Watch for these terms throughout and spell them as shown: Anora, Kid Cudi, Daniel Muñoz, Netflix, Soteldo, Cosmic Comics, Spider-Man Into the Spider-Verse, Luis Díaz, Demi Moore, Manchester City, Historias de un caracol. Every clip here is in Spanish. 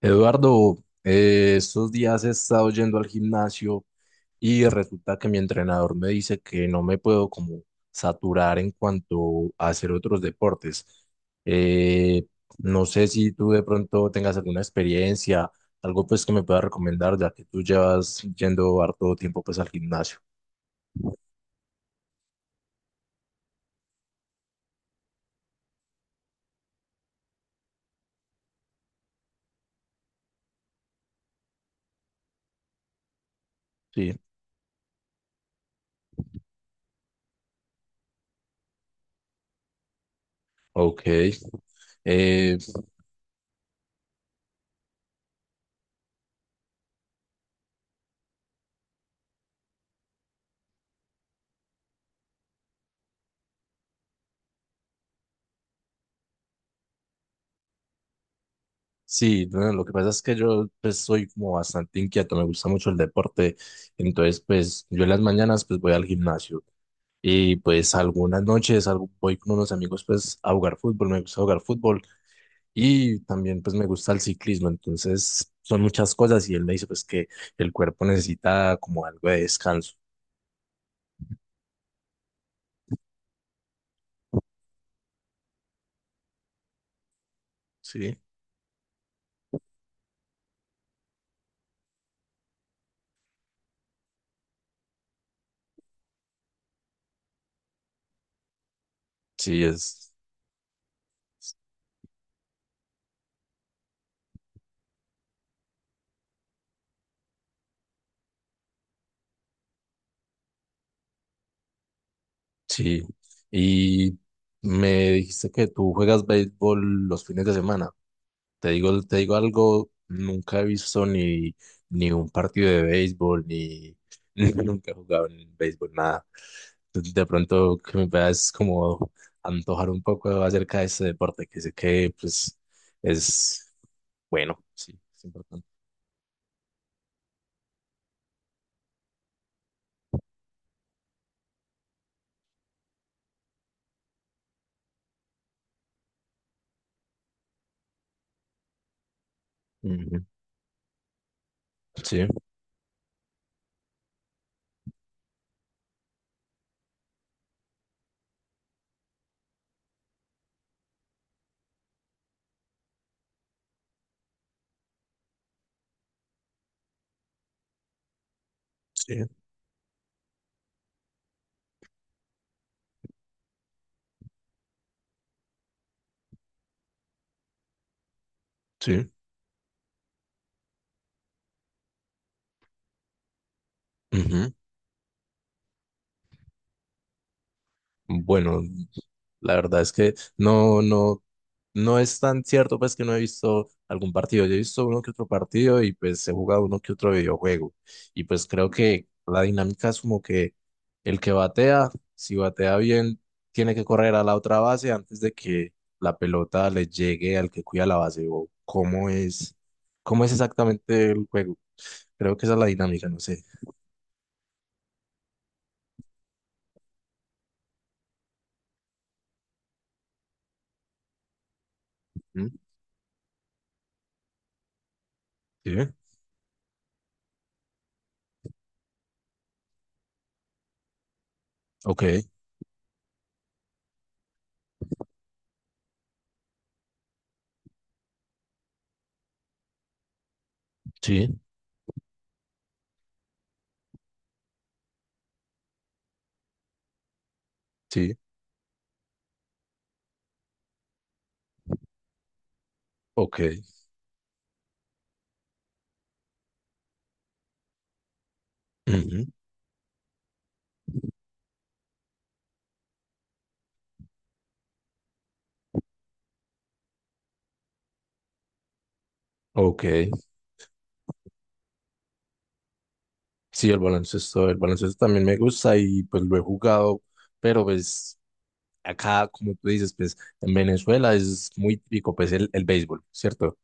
Eduardo, estos días he estado yendo al gimnasio y resulta que mi entrenador me dice que no me puedo como saturar en cuanto a hacer otros deportes. Eh, no sé si tú de pronto tengas alguna experiencia, algo pues que me puedas recomendar, ya que tú llevas yendo harto tiempo pues al gimnasio. Sí, ok. Eh, Sí, bueno, lo que pasa es que yo pues soy como bastante inquieto, me gusta mucho el deporte, entonces pues yo en las mañanas pues voy al gimnasio y pues algunas noches voy con unos amigos pues a jugar fútbol, me gusta jugar fútbol y también pues me gusta el ciclismo, entonces son muchas cosas y él me dice pues que el cuerpo necesita como algo de descanso, ¿sí? Sí, es, sí, y me dijiste que tú juegas béisbol los fines de semana. Te digo algo, nunca he visto ni un partido de béisbol, ni, ni nunca he jugado en béisbol, nada. De pronto que me veas como antojar un poco acerca de este deporte, que sé que pues es bueno, sí, es importante. Ujú. Sí, sí, sí. Ujú. Bueno, la verdad es que no es tan cierto pues que no he visto algún partido. Yo he visto uno que otro partido y pues he jugado uno que otro videojuego. Y pues creo que la dinámica es como que el que batea, si batea bien, tiene que correr a la otra base antes de que la pelota le llegue al que cuida la base. O cómo es exactamente el juego. Creo que esa es la dinámica, no sé. ¿Mm? ¿Sí? Ok, sí, sí, ok. Ujú. Ok. Sí, el baloncesto también me gusta y pues lo he jugado, pero pues acá, como tú dices, pues en Venezuela es muy típico pues el béisbol, ¿cierto?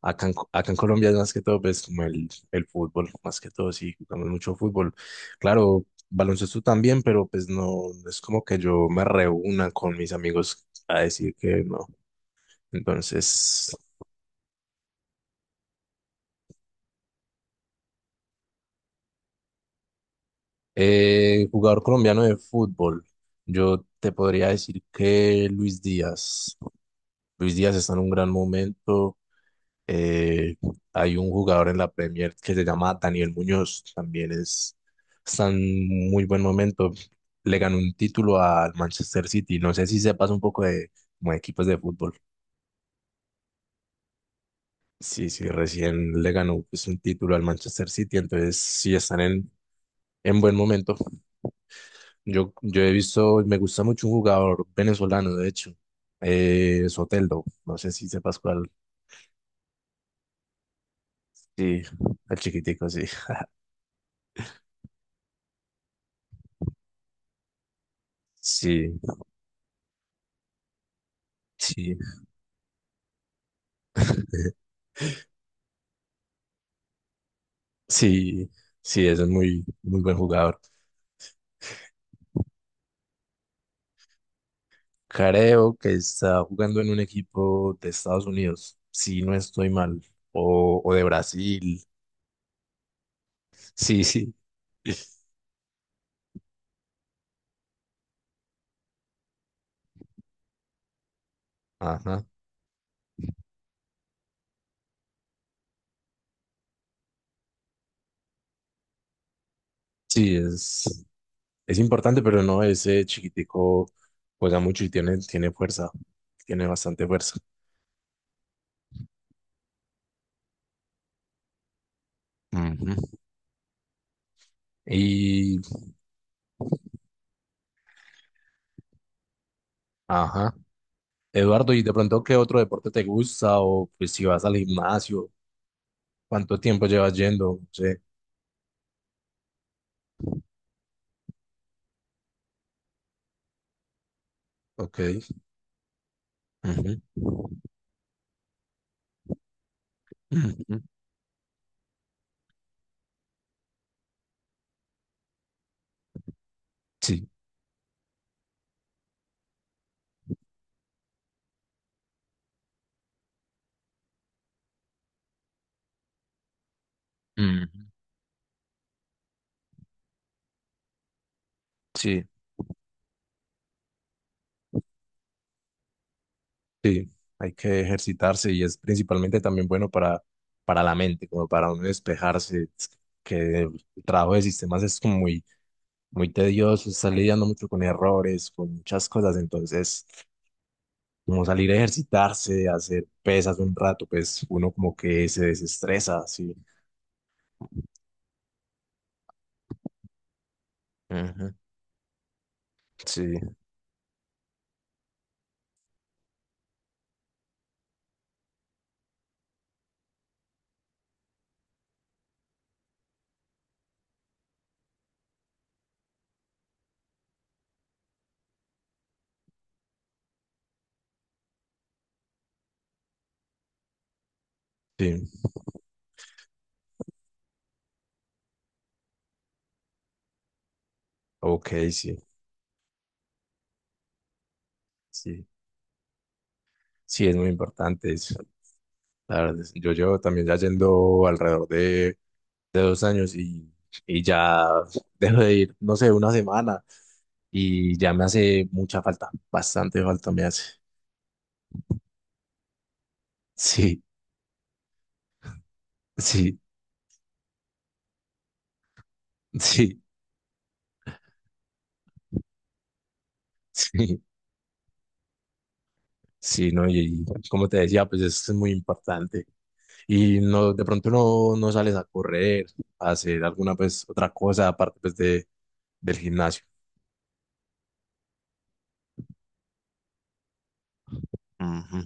Acá en, acá en Colombia es más que todo pues como el fútbol, más que todo sí, jugamos mucho fútbol. Claro, baloncesto también, pero pues no, no es como que yo me reúna con mis amigos a decir que no. Entonces, jugador colombiano de fútbol, yo te podría decir que Luis Díaz. Luis Díaz está en un gran momento. Eh, Hay un jugador en la Premier que se llama Daniel Muñoz, también es, está en muy buen momento. Le ganó un título al Manchester City. No sé si sepas un poco de, como de equipos de fútbol. Sí, sí, recién le ganó pues, un título al Manchester City, entonces sí están en buen momento. Yo he visto, me gusta mucho un jugador venezolano, de hecho, Soteldo. No sé si sepas cuál. Sí, el chiquitico, sí. Sí, sí, eh, sí, sí, es un muy buen jugador. Creo que está jugando en un equipo de Estados Unidos, si no estoy mal, o de Brasil. Sí, sí. Ajá. Sí, es importante, pero no, ese chiquitico juega mucho y tiene, tiene fuerza, tiene bastante fuerza. Ujú. Y, ajá. Eduardo, ¿y de pronto qué otro deporte te gusta? O pues si vas al gimnasio, ¿cuánto tiempo llevas yendo? Sí, ok. Ujú. Ujú. Sí. Mm, sí, sí, hay que ejercitarse y es principalmente también bueno para la mente, como para uno despejarse. Es que el trabajo de sistemas es como muy, muy tedioso, está lidiando mucho con errores, con muchas cosas, entonces como salir a ejercitarse, hacer pesas un rato, pues uno como que se desestresa, sí. Ujú. Sí, sí, ok, sí, sí, sí, es muy importante, la verdad, yo llevo también ya yendo alrededor de 2 años y ya dejo de ir, no sé, una semana y ya me hace mucha falta, bastante falta me hace. Sí, sí, sí, sí, sí, no, y como te decía, pues es muy importante. Y no, de pronto no, no sales a correr, a hacer alguna pues otra cosa aparte pues de, del gimnasio. Ujú,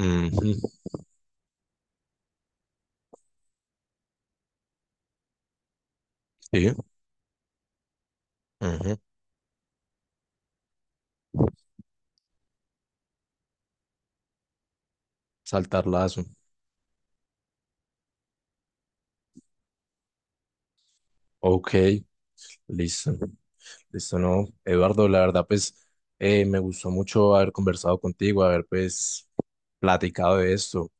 ujú, sí, ujú, saltar lazo. Ok, listo. Listo, no, Eduardo, la verdad, pues me gustó mucho haber conversado contigo, haber pues platicado de esto.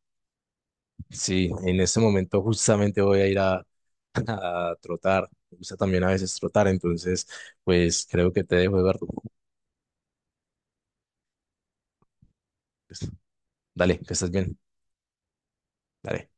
Sí, en este momento justamente voy a ir a, a trotar. Me gusta también a veces trotar, entonces, pues creo que te dejo, Eduardo. Pues, dale, que estés bien. Dale.